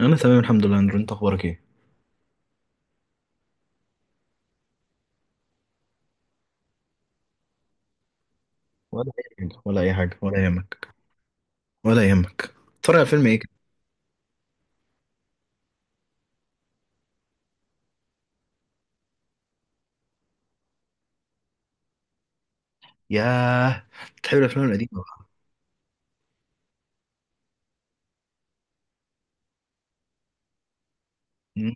انا تمام الحمد لله اندرو، انت اخبارك ايه؟ ولا اي حاجه، ولا يهمك، ولا يهمك تتفرج على فيلم ايه كده؟ ياه، بتحب الافلام القديمه بقى. مم.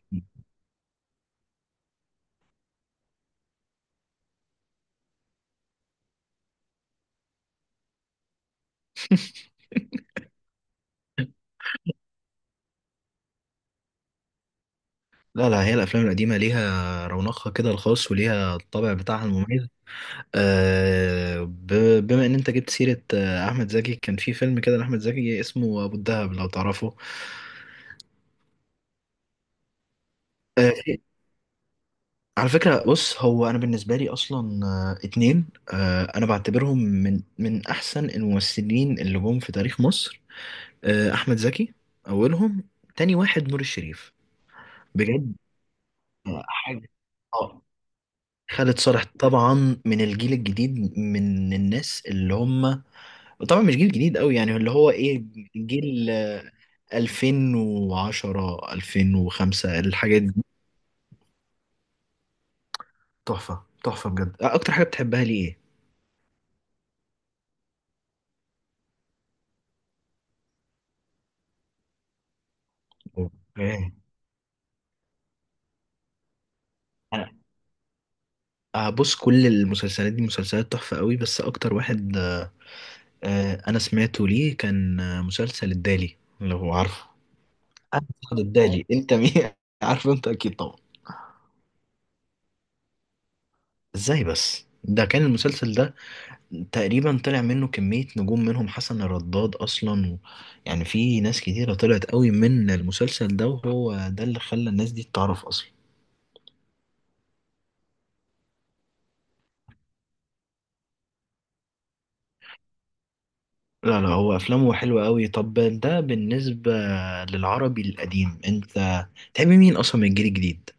لا لا، هي الافلام القديمه ليها رونقها كده الخاص وليها الطابع بتاعها المميز. بما ان انت جبت سيره احمد زكي، كان في فيلم كده لاحمد زكي اسمه ابو الدهب، لو تعرفه. آه، في- على فكرة بص، هو أنا بالنسبة لي أصلا اتنين، أنا بعتبرهم من أحسن الممثلين اللي جم في تاريخ مصر. احمد زكي اولهم، تاني واحد نور الشريف، بجد. حاجه، اه. خالد صالح طبعا من الجيل الجديد، من الناس اللي هم طبعا مش جيل جديد قوي، يعني اللي هو ايه، جيل 2010، 2005، الحاجات دي. تحفه تحفه بجد. اكتر حاجه بتحبها ليه ايه؟ اوكي. انا بص، كل المسلسلات دي مسلسلات تحفه قوي، بس اكتر واحد انا سمعته ليه كان مسلسل الدالي، لو عارفه. انا خد بالي انت مين عارف، انت اكيد طبعا. ازاي بس؟ ده كان المسلسل ده تقريبا طلع منه كمية نجوم، منهم حسن الرداد اصلا و... يعني في ناس كتيرة طلعت قوي من المسلسل ده، وهو ده اللي خلى الناس دي تتعرف اصلا. لا لا، هو افلامه حلوة قوي. طب ده بالنسبة للعربي القديم، انت تحب مين اصلا من الجيل الجديد؟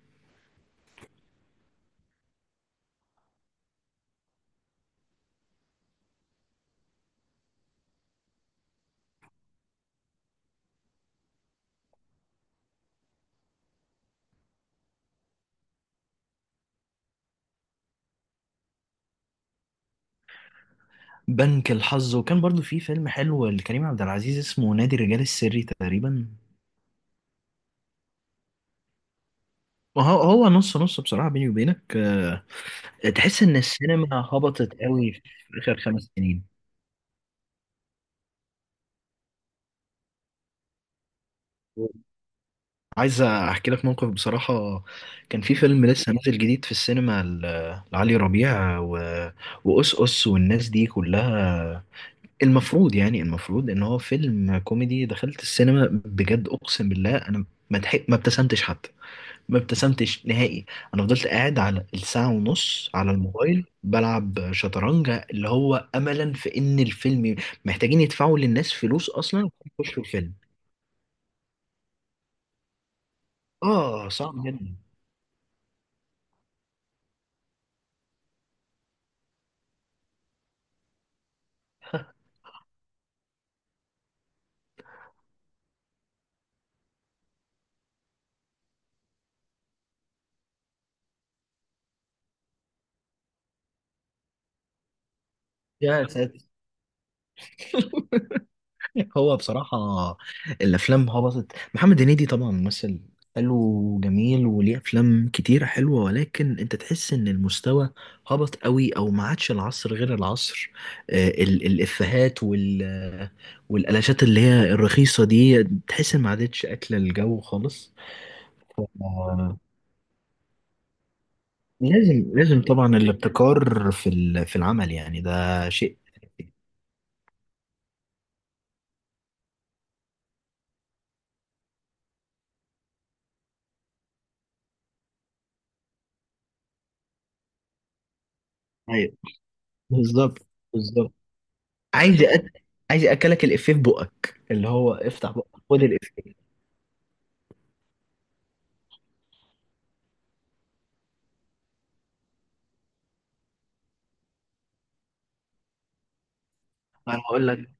بنك الحظ، وكان برضو في فيلم حلو لكريم عبد العزيز اسمه نادي الرجال السري تقريبا. ما هو هو نص نص بصراحة بيني وبينك. تحس إن السينما هبطت قوي في آخر خمس سنين. عايز أحكي لك موقف بصراحة. كان في فيلم لسه نازل جديد في السينما لعلي ربيع و... وأس والناس دي كلها، المفروض يعني المفروض إن هو فيلم كوميدي. دخلت السينما بجد أقسم بالله، أنا ما ضحك- ما ابتسمتش حتى، ما ابتسمتش نهائي. انا فضلت قاعد على الساعة ونص على الموبايل بلعب شطرنج، اللي هو املا في ان الفيلم محتاجين يدفعوا للناس فلوس اصلا عشان يخشوا الفيلم. اه، صعب جدا. يا ساتر. هو بصراحة الأفلام هبطت. محمد هنيدي طبعا ممثل حلو وجميل وليه أفلام كتيرة حلوة، ولكن أنت تحس إن المستوى هبط قوي، أو ما عادش العصر غير العصر. الإفيهات وال والقلاشات اللي هي الرخيصة دي، تحس إن ما عادتش أكلة الجو خالص. آه، لازم طبعا الابتكار في في العمل، يعني ده شيء. أيوة، بالظبط. بالظبط. عايز أك... عايز اكلك الافيه في بقك، اللي هو افتح بقك خد الافيه. انا هقول لك.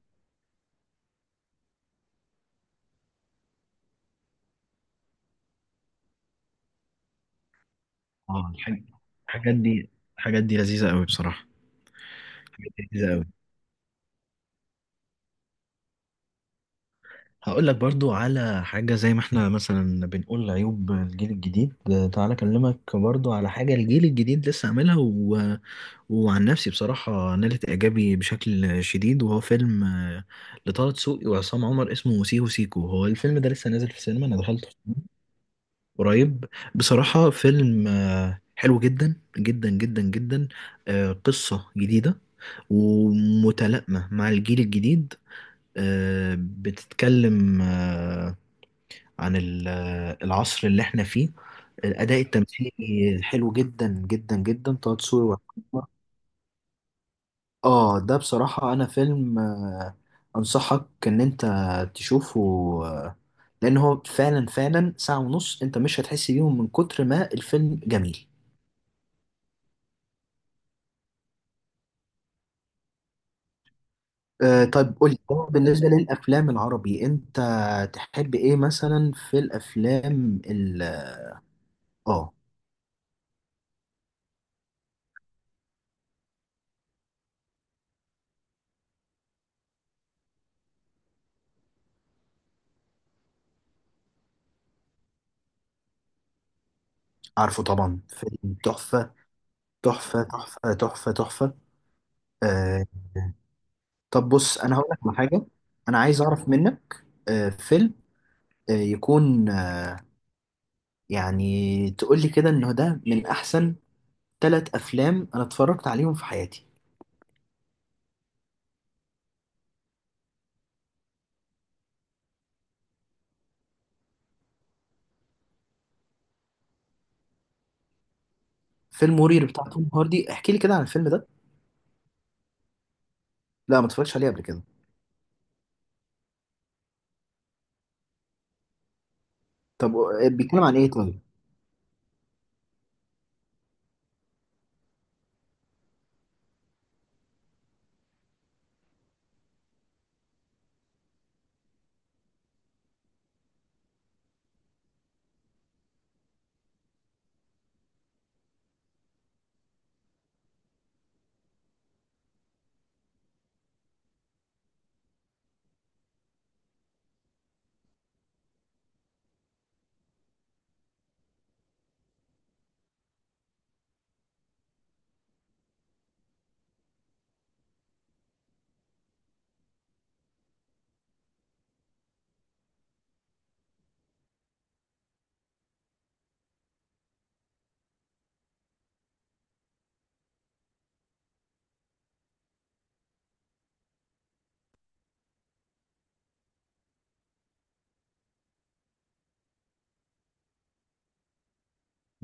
اه. الحاجات دي الحاجات دي لذيذه قوي بصراحه. الحاجات دي لذيذه قوي. هقول لك برضو على حاجه، زي ما احنا مثلا بنقول عيوب الجيل الجديد، تعالى اكلمك برضو على حاجه الجيل الجديد لسه عاملها و... وعن نفسي بصراحه نالت اعجابي بشكل شديد، وهو فيلم لطه دسوقي وعصام عمر اسمه سيكو سيكو. هو الفيلم ده لسه نازل في السينما، انا دخلته قريب. بصراحة فيلم حلو جدا جدا جدا جدا. قصة جديدة ومتلائمة مع الجيل الجديد. بتتكلم عن العصر اللي احنا فيه. الأداء التمثيلي حلو جدا جدا جدا. طه دسوقي وعمر، اه. ده بصراحة أنا فيلم أنصحك إن أنت تشوفه، آه، لأن هو فعلا فعلا ساعة ونص أنت مش هتحس بيهم من كتر ما الفيلم جميل. طيب قول لي، هو بالنسبة للأفلام العربي، أنت تحب إيه مثلا في الأفلام ال آه؟ عارفه طبعا، فيلم تحفة تحفة تحفة تحفة تحفة. آه، طب بص أنا هقول لك على حاجة. أنا عايز أعرف منك آه فيلم آه يكون آه يعني تقول لي كده إنه ده من أحسن ثلاث أفلام أنا اتفرجت عليهم في حياتي. فيلم مرير بتاع توم هاردي، احكي لي كده عن الفيلم ده. لا، ما اتفرجتش عليه قبل كده. طب بيتكلم عن إيه طيب؟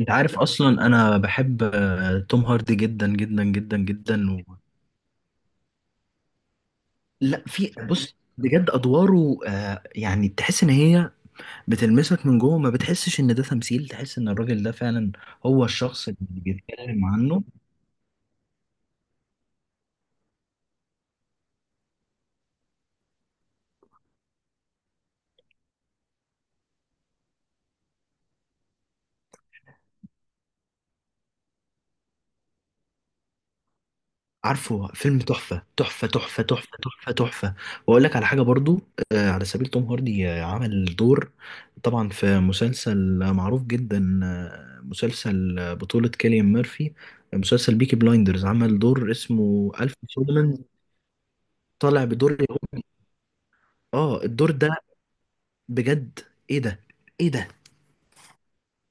انت عارف اصلا انا بحب توم هاردي جدا جدا جدا جدا، و... لا، في بص بجد ادواره يعني تحس ان هي بتلمسك من جوه، ما بتحسش ان ده تمثيل، تحس ان الراجل ده فعلا هو الشخص اللي بيتكلم عنه. عارفه، فيلم تحفة تحفة تحفة تحفة تحفة تحفة. وأقول لك على حاجة برضو. على سبيل توم هاردي، عمل دور طبعا في مسلسل معروف جدا، مسلسل بطولة كيليان ميرفي، مسلسل بيكي بلايندرز، عمل دور اسمه ألف سولمان، طالع بدور يهودي. اه، الدور ده بجد، ايه ده، ايه ده،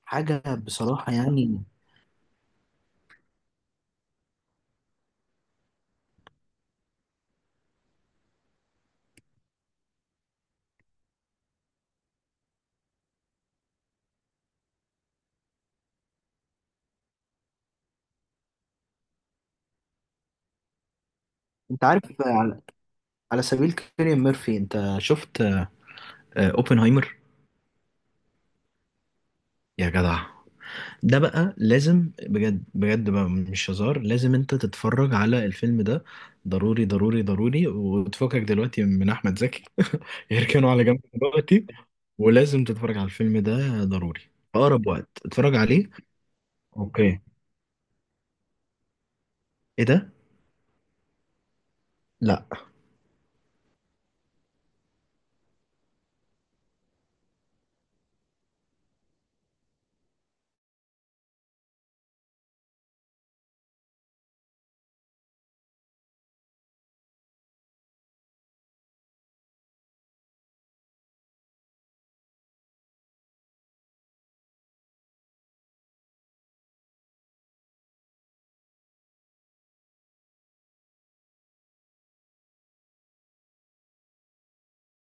حاجة بصراحة يعني. انت عارف على سبيل كيليان ميرفي، انت شفت اوبنهايمر؟ يا جدع، ده بقى لازم بجد بجد، بقى مش هزار، لازم انت تتفرج على الفيلم ده، ضروري ضروري ضروري، وتفكك دلوقتي من احمد زكي، يركنوا على جنب دلوقتي. ولازم تتفرج على الفيلم ده ضروري في اقرب وقت، اتفرج عليه. اوكي، ايه ده، لا